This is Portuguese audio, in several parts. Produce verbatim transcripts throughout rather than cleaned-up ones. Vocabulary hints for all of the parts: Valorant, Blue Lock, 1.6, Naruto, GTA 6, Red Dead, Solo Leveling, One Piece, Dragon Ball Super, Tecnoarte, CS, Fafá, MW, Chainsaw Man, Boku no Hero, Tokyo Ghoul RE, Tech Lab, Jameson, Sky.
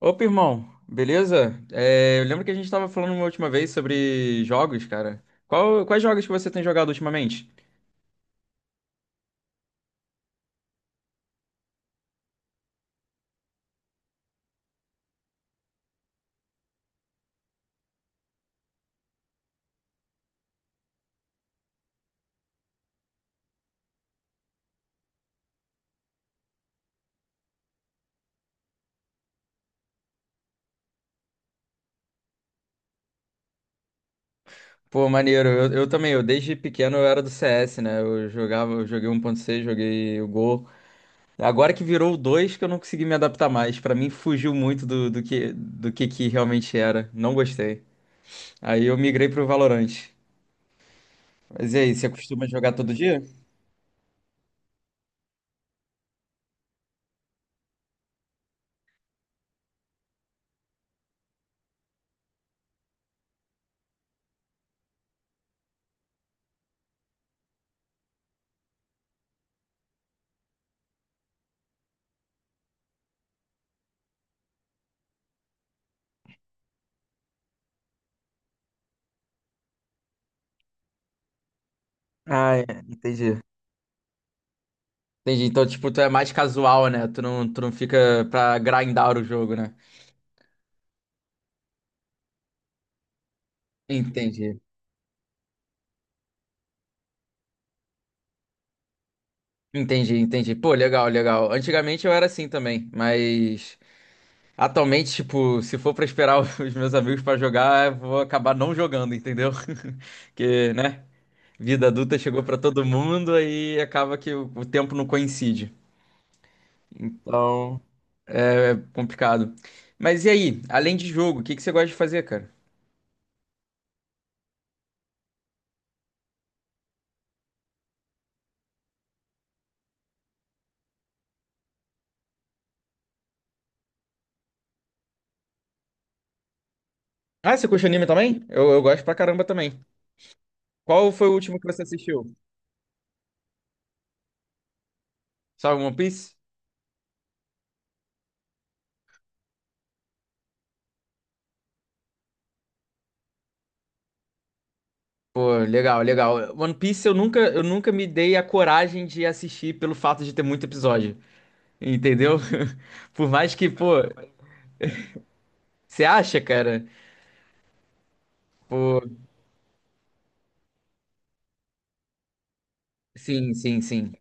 Opa, irmão, beleza? É, eu lembro que a gente estava falando uma última vez sobre jogos, cara. Qual- quais jogos que você tem jogado ultimamente? Pô, maneiro, eu, eu também, eu desde pequeno eu era do C S, né? Eu jogava, eu joguei um. 1.6, joguei o Gol. Agora que virou o dois que eu não consegui me adaptar mais. Pra mim fugiu muito do, do que, do que que realmente era. Não gostei. Aí eu migrei pro Valorant. Mas e aí, você costuma jogar todo dia? Ah, é, entendi. Entendi. Então, tipo, tu é mais casual, né? Tu não, tu não fica pra grindar o jogo, né? Entendi. Entendi, entendi. Pô, legal, legal. Antigamente eu era assim também, mas atualmente, tipo, se for pra esperar os meus amigos pra jogar, eu vou acabar não jogando, entendeu? Porque, né? Vida adulta chegou pra todo mundo e acaba que o o tempo não coincide. Então, é complicado. Mas e aí, além de jogo, o que que você gosta de fazer, cara? Ah, você curte anime também? Eu, eu gosto pra caramba também. Qual foi o último que você assistiu? Só One Piece? Pô, legal, legal. One Piece eu nunca, eu nunca me dei a coragem de assistir pelo fato de ter muito episódio, entendeu? Por mais que, pô, você acha, cara? Pô, sim, sim, sim.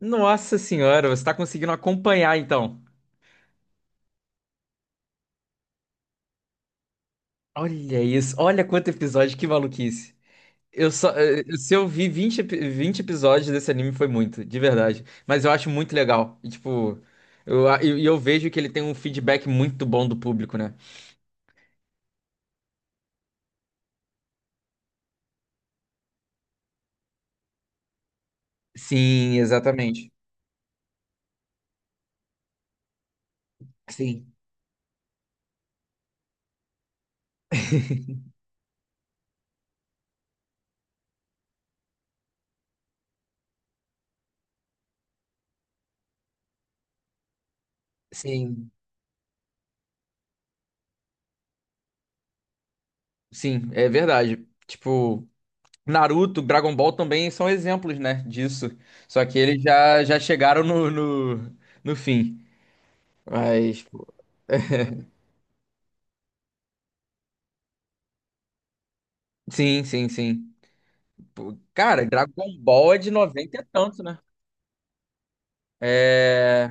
Nossa senhora, você tá conseguindo acompanhar então. Olha isso, olha quanto episódio, que maluquice. Eu só, eh, eh, se eu vi vinte epi- vinte episódios desse anime foi muito, de verdade. Mas eu acho muito legal. E, tipo, eu, a- e e eu vejo que ele tem um feedback muito bom do público, né? Sim, exatamente. Sim, sim, sim, é verdade. Tipo, Naruto, Dragon Ball também são exemplos, né, disso. Só que eles já, já chegaram no, no, no fim. Mas, pô, sim, sim, sim. Pô, cara, Dragon Ball é de noventa e tanto, né? É.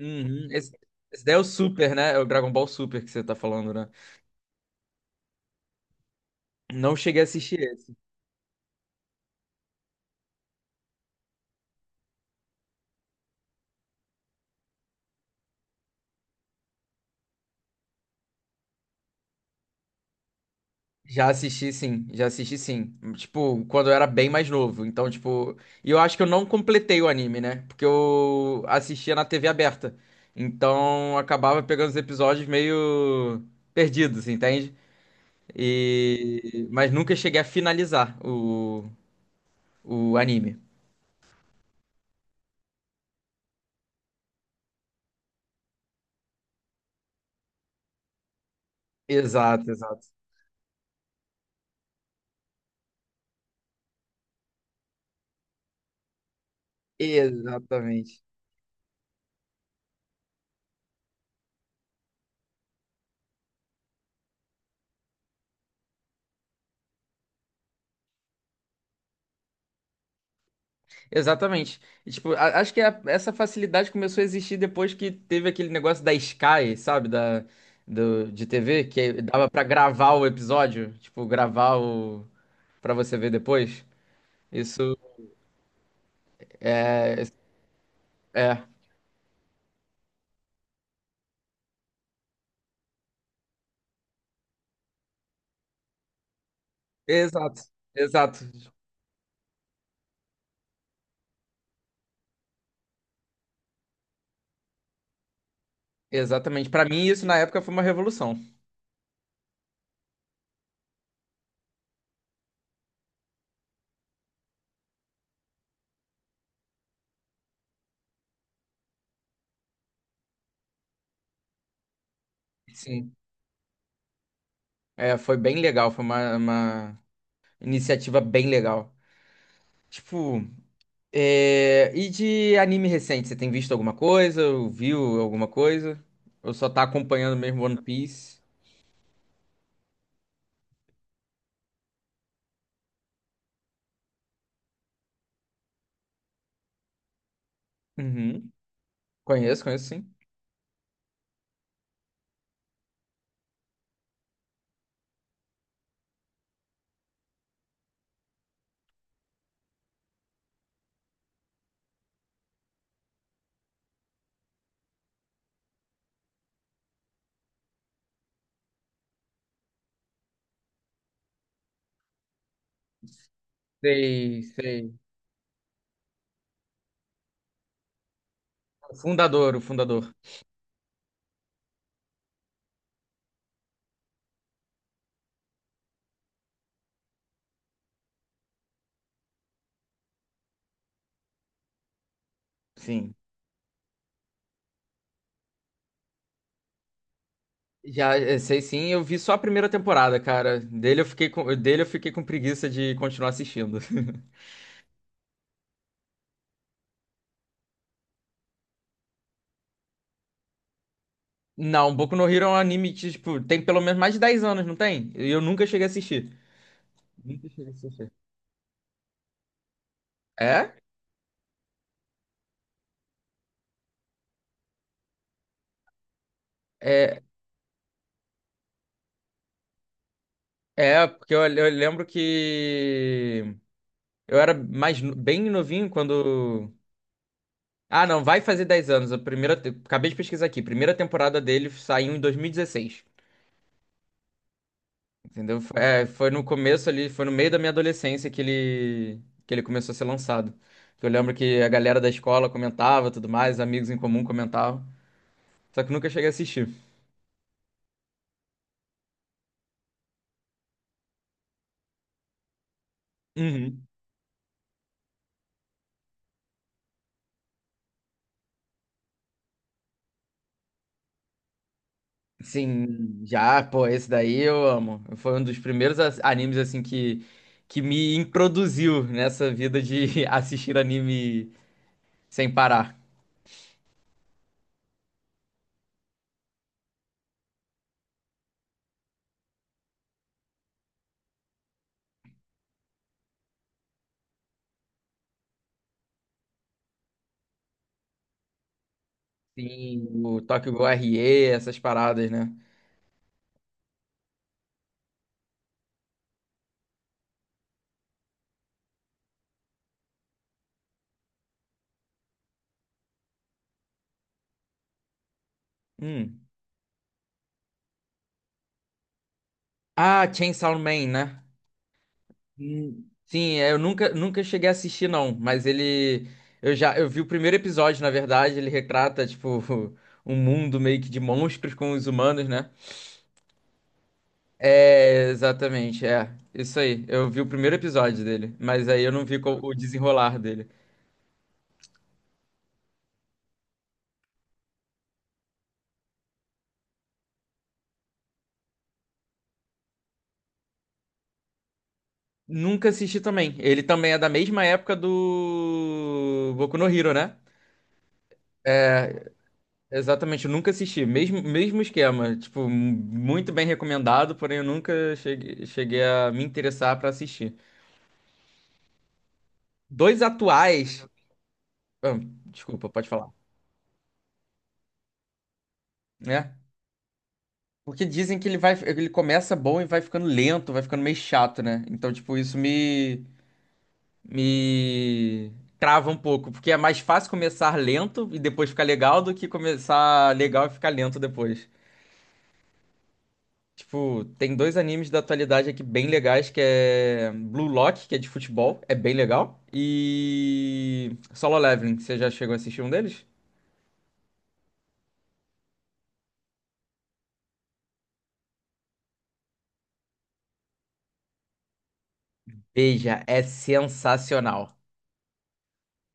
Uhum. Esse, esse daí é o Super, né? É o Dragon Ball Super que você tá falando, né? Não cheguei a assistir esse. Já assisti, sim. Já assisti, sim. Tipo, quando eu era bem mais novo. Então, tipo. E eu acho que eu não completei o anime, né? Porque eu assistia na T V aberta. Então, acabava pegando os episódios meio perdidos, entende? E... Mas nunca cheguei a finalizar o, o anime. Exato, exato. Exatamente. Exatamente. E, tipo, a- acho que é a- essa facilidade começou a existir depois que teve aquele negócio da Sky, sabe? Da, do, de T V, que dava pra gravar o episódio. Tipo, gravar o pra você ver depois. Isso é. Exato. Exato. Exatamente. Pra mim, isso na época foi uma revolução. Sim. É, foi bem legal. Foi uma, uma iniciativa bem legal. Tipo. É, e de anime recente, você tem visto alguma coisa? Ou viu alguma coisa? Ou só tá acompanhando mesmo One Piece? Uhum. Conheço, conheço sim. Sei, sei. O fundador, o fundador. Sim. Já eh, sei sim, eu vi só a primeira temporada, cara. Dele eu fiquei com, dele eu fiquei com preguiça de continuar assistindo. Não, Boku no Hero é um anime que, tipo, tem pelo menos mais de dez anos, não tem? E eu nunca cheguei a assistir. Nunca cheguei a assistir. É? É, é porque eu, eu lembro que eu era mais no- bem novinho quando. Ah, não, vai fazer dez anos. A primeira, te- acabei de pesquisar aqui. Primeira temporada dele saiu em dois mil e dezesseis. Entendeu? Foi, é, foi no começo ali, foi no meio da minha adolescência que ele que ele começou a ser lançado. Eu lembro que a galera da escola comentava, tudo mais, amigos em comum comentavam. Só que nunca cheguei a assistir. Uhum. Sim, já, pô, esse daí eu amo. Foi um dos primeiros as- animes assim que que me introduziu nessa vida de assistir anime sem parar. Sim, o Tokyo Ghoul R E, essas paradas, né? Hum. Ah, Chainsaw Man, né? Hum. Sim, é, eu nunca, nunca cheguei a assistir, não. Mas ele. Eu já eu vi o primeiro episódio, na verdade. Ele retrata, tipo, um mundo meio que de monstros com os humanos, né? É, exatamente, é. Isso aí. Eu vi o primeiro episódio dele. Mas aí eu não vi co- o desenrolar dele. Nunca assisti também. Ele também é da mesma época do Boku no Hero, né? Exatamente, eu nunca assisti. Mesmo, mesmo esquema. Tipo, m- muito bem recomendado, porém eu nunca cheguei, cheguei a me interessar pra assistir. Dois atuais. Ah, desculpa, pode falar. Né? Porque dizem que ele vai, ele começa bom e vai ficando lento, vai ficando meio chato, né? Então, tipo, isso me, me trava um pouco. Porque é mais fácil começar lento e depois ficar legal do que começar legal e ficar lento depois. Tipo, tem dois animes da atualidade aqui bem legais, que é Blue Lock, que é de futebol, é bem legal, e Solo Leveling, você já chegou a assistir um deles? Veja, é sensacional.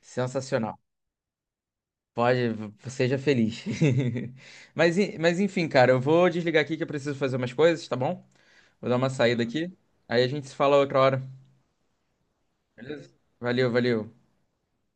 Sensacional. Pode, seja feliz. Mas, en- mas enfim, cara, eu vou desligar aqui que eu preciso fazer umas coisas, tá bom? Vou dar uma saída aqui. Aí a gente se fala outra hora. Valeu, valeu.